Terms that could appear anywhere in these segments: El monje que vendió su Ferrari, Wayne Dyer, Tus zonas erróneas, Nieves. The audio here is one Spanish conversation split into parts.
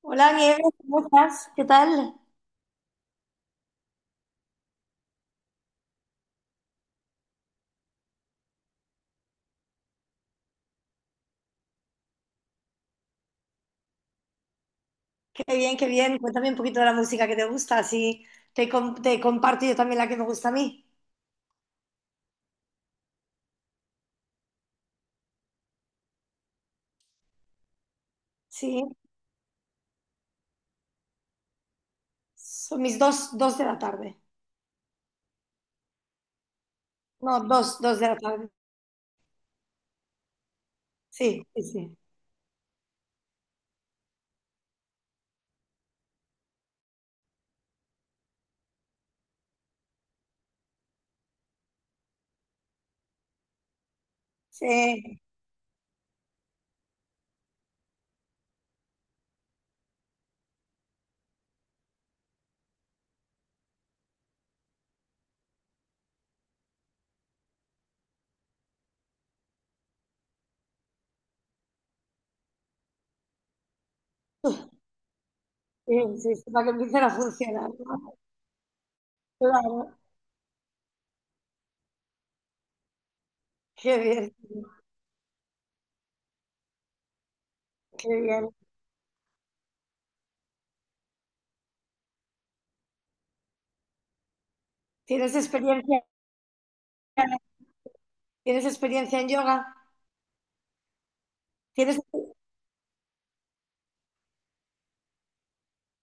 Hola Nieves, ¿cómo estás? ¿Qué tal? Qué bien, qué bien. Cuéntame un poquito de la música que te gusta, así te comparto yo también la que me gusta a mí. Sí, son mis dos de la tarde. No, dos de la tarde. Sí, sí, sí. Sí, sí, sí, sí, para que empiecen a funcionar, ¿no? Claro, qué bien, qué bien. ¿Tienes experiencia, ¿Tienes experiencia en yoga? ¿Tienes?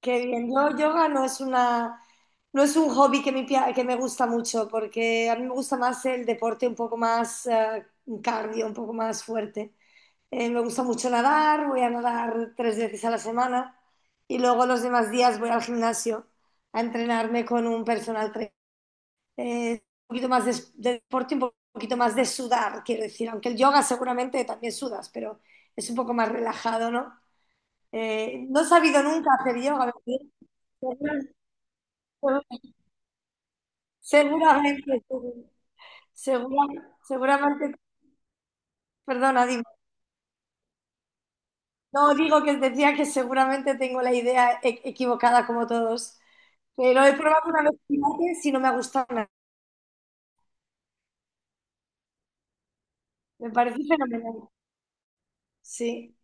Qué bien. Yo, yoga no es una, no es un hobby que que me gusta mucho, porque a mí me gusta más el deporte un poco más cardio, un poco más fuerte. Me gusta mucho nadar, voy a nadar tres veces a la semana y luego los demás días voy al gimnasio a entrenarme con un personal trainer. Un poquito más de deporte, un poquito más de sudar, quiero decir, aunque el yoga seguramente también sudas, pero es un poco más relajado, ¿no? No he sabido nunca hacer yoga, ¿verdad? Seguramente, segura- seguramente, perdona, dime. No digo que decía que seguramente tengo la idea equivocada como todos, pero he probado una vez pilates y no me ha gustado nada. Me parece fenomenal. Sí,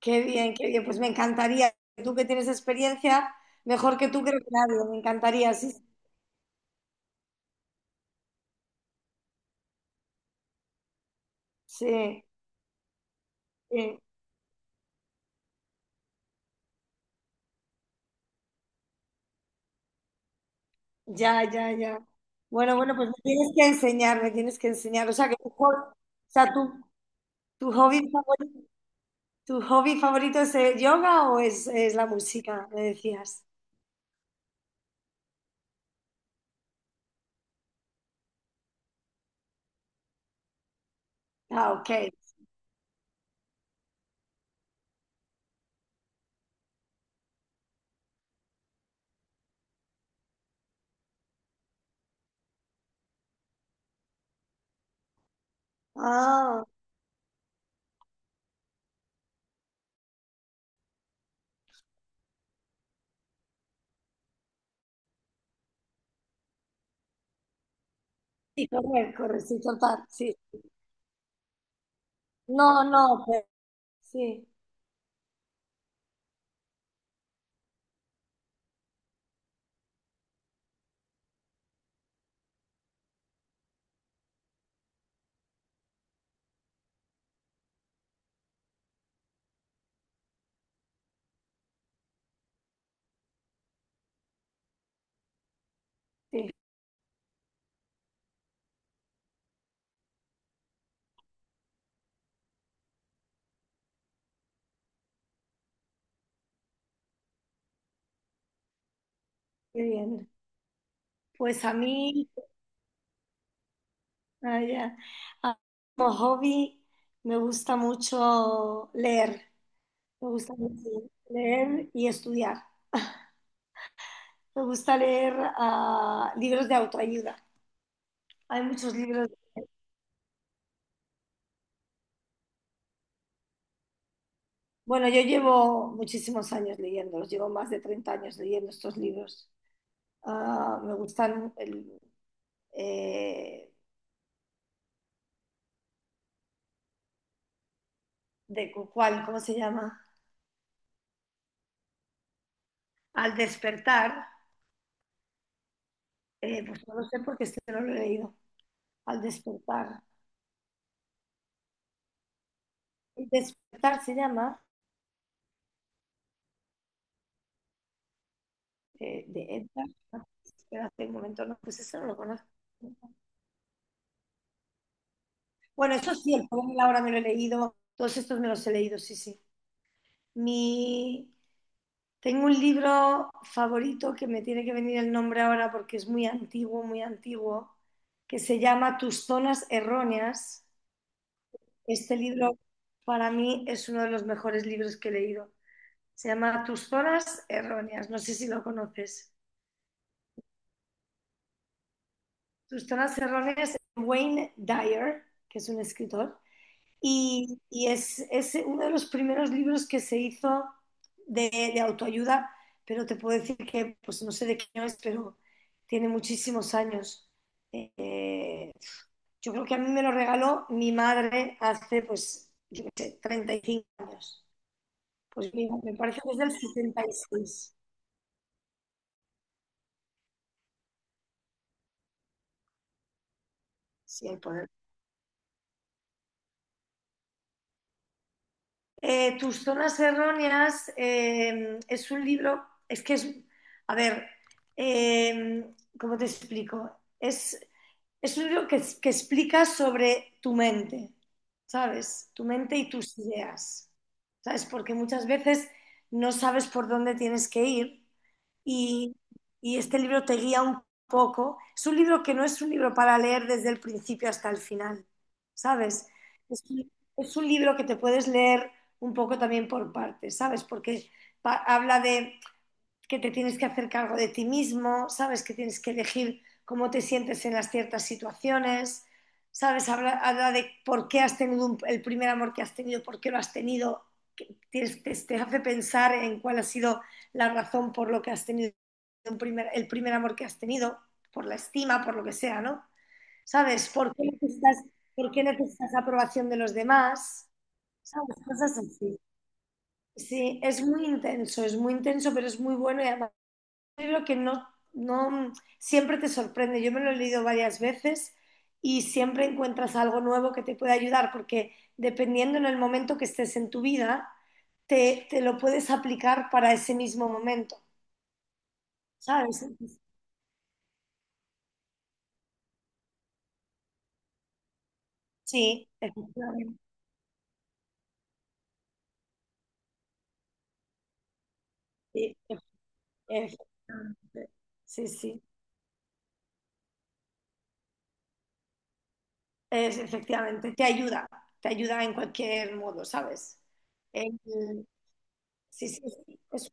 qué bien, qué bien. Pues me encantaría. Tú que tienes experiencia, mejor que tú creo que nadie. Me encantaría, sí, sí, sí. Ya, ya, ya. Bueno, bueno, pues me tienes que enseñar, me tienes que enseñar. O sea, o sea, tu hobby favorito. ¿Tu hobby favorito es el yoga es la música? Me decías. Ah, ok. Ah, y correr, correr, sí, total, sí. No, no, pero sí, sí, qué bien. Pues a mí, ah, ya. Ah, como hobby, me gusta mucho leer. Me gusta mucho leer y estudiar. Me gusta leer libros de autoayuda. Hay muchos libros. Bueno, yo llevo muchísimos años leyéndolos, llevo más de 30 años leyendo estos libros. Ah, me gustan eh, de cuál, ¿cómo se llama? Al despertar, pues no lo sé porque este no lo he leído. Al despertar. El despertar se llama de Edgar. Espérate un momento, no, pues este no lo conozco. Bueno, eso sí, el poder de la hora me lo he leído, todos estos me los he leído, sí, sí. Mi... Tengo un libro favorito que me tiene que venir el nombre ahora porque es muy antiguo, que se llama Tus zonas erróneas. Este libro para mí es uno de los mejores libros que he leído. Se llama Tus zonas erróneas. No sé si lo conoces. Tus zonas erróneas, Wayne Dyer, que es un escritor. Y es uno de los primeros libros que se hizo de autoayuda, pero te puedo decir que, pues no sé de qué año es, pero tiene muchísimos años. Eh, yo creo que a mí me lo regaló mi madre hace, pues, yo qué sé, 35 años. Pues mira, me parece que es del 76 si hay poder. Tus zonas erróneas es un libro, es que es, a ver, eh, ¿cómo te explico? Es es un libro que explica sobre tu mente, ¿sabes? Tu mente y tus ideas, ¿sabes? Porque muchas veces no sabes por dónde tienes que ir y, y este libro te guía un poco. Es un libro que no es un libro para leer desde el principio hasta el final, ¿sabes? Es un, es un libro que te puedes leer un poco también por partes, ¿sabes? Porque habla de que te tienes que hacer cargo de ti mismo, sabes que tienes que elegir cómo te sientes en las ciertas situaciones, sabes, habla de por qué has tenido un, el primer amor que has tenido, por qué lo has tenido, que tienes, hace pensar en cuál ha sido la razón por lo que has tenido un primer, el primer amor que has tenido, por la estima, por lo que sea, ¿no? ¿Sabes? ¿Por qué necesitas aprobación de los demás? ¿Sabes? Cosas así. Sí, es muy intenso, pero es muy bueno y además libro que no siempre te sorprende. Yo me lo he leído varias veces y siempre encuentras algo nuevo que te puede ayudar, porque dependiendo en el momento que estés en tu vida, te lo puedes aplicar para ese mismo momento, ¿sabes? Sí, efectivamente. Sí, efectivamente. Sí, sí, es, efectivamente. Te ayuda en cualquier modo, ¿sabes? El- sí, sí, sí, es-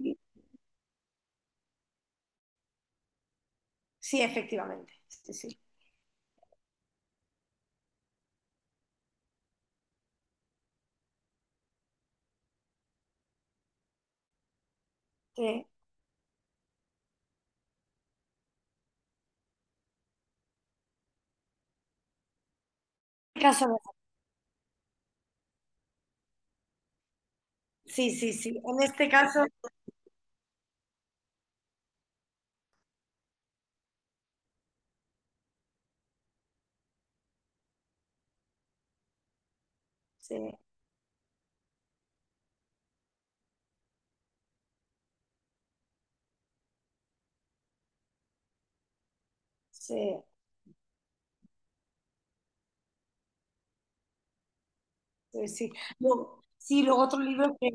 sí, efectivamente. Sí, sí. Eh, caso sí, sí, sí. En este caso, sí, sí, sí, sí. Luego, sí, luego otro libro que...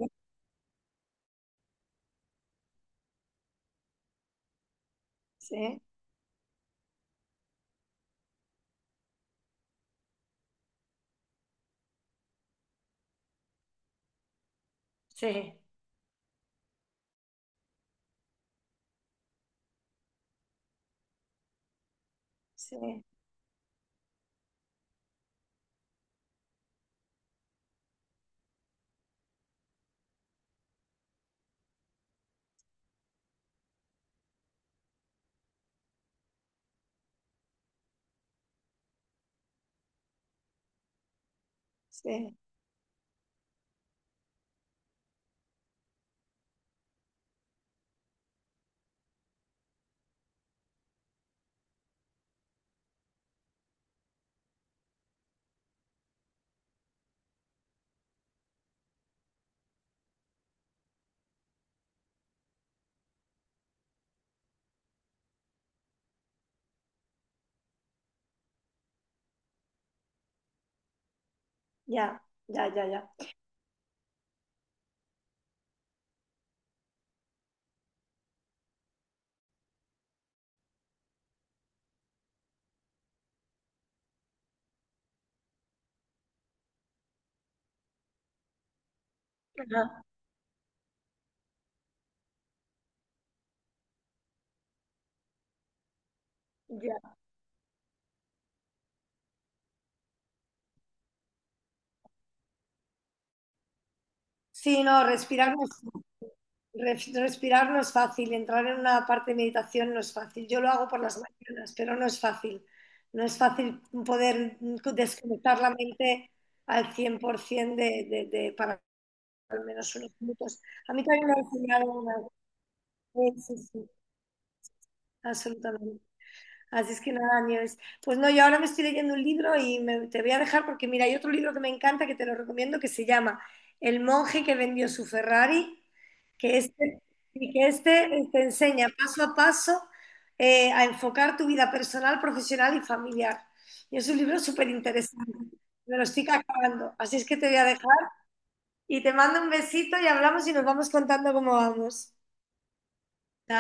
Sí, sí, sí, sí. Ya, ya, ya, ya. Ajá, ya. Sí, no, respirar no es fácil. Entrar en una parte de meditación no es fácil. Yo lo hago por las mañanas, pero no es fácil. No es fácil poder desconectar la mente al 100% para al menos unos minutos. A mí también me ha una... Sí, sí, sí. Absolutamente. Así es que nada, Nieves. Pues no, yo ahora me estoy leyendo un libro y te voy a dejar porque mira, hay otro libro que me encanta que te lo recomiendo que se llama El monje que vendió su Ferrari, que este, y que este te enseña paso a paso a enfocar tu vida personal, profesional y familiar. Y es un libro súper interesante. Me lo estoy acabando. Así es que te voy a dejar y te mando un besito y hablamos y nos vamos contando cómo vamos. Chao.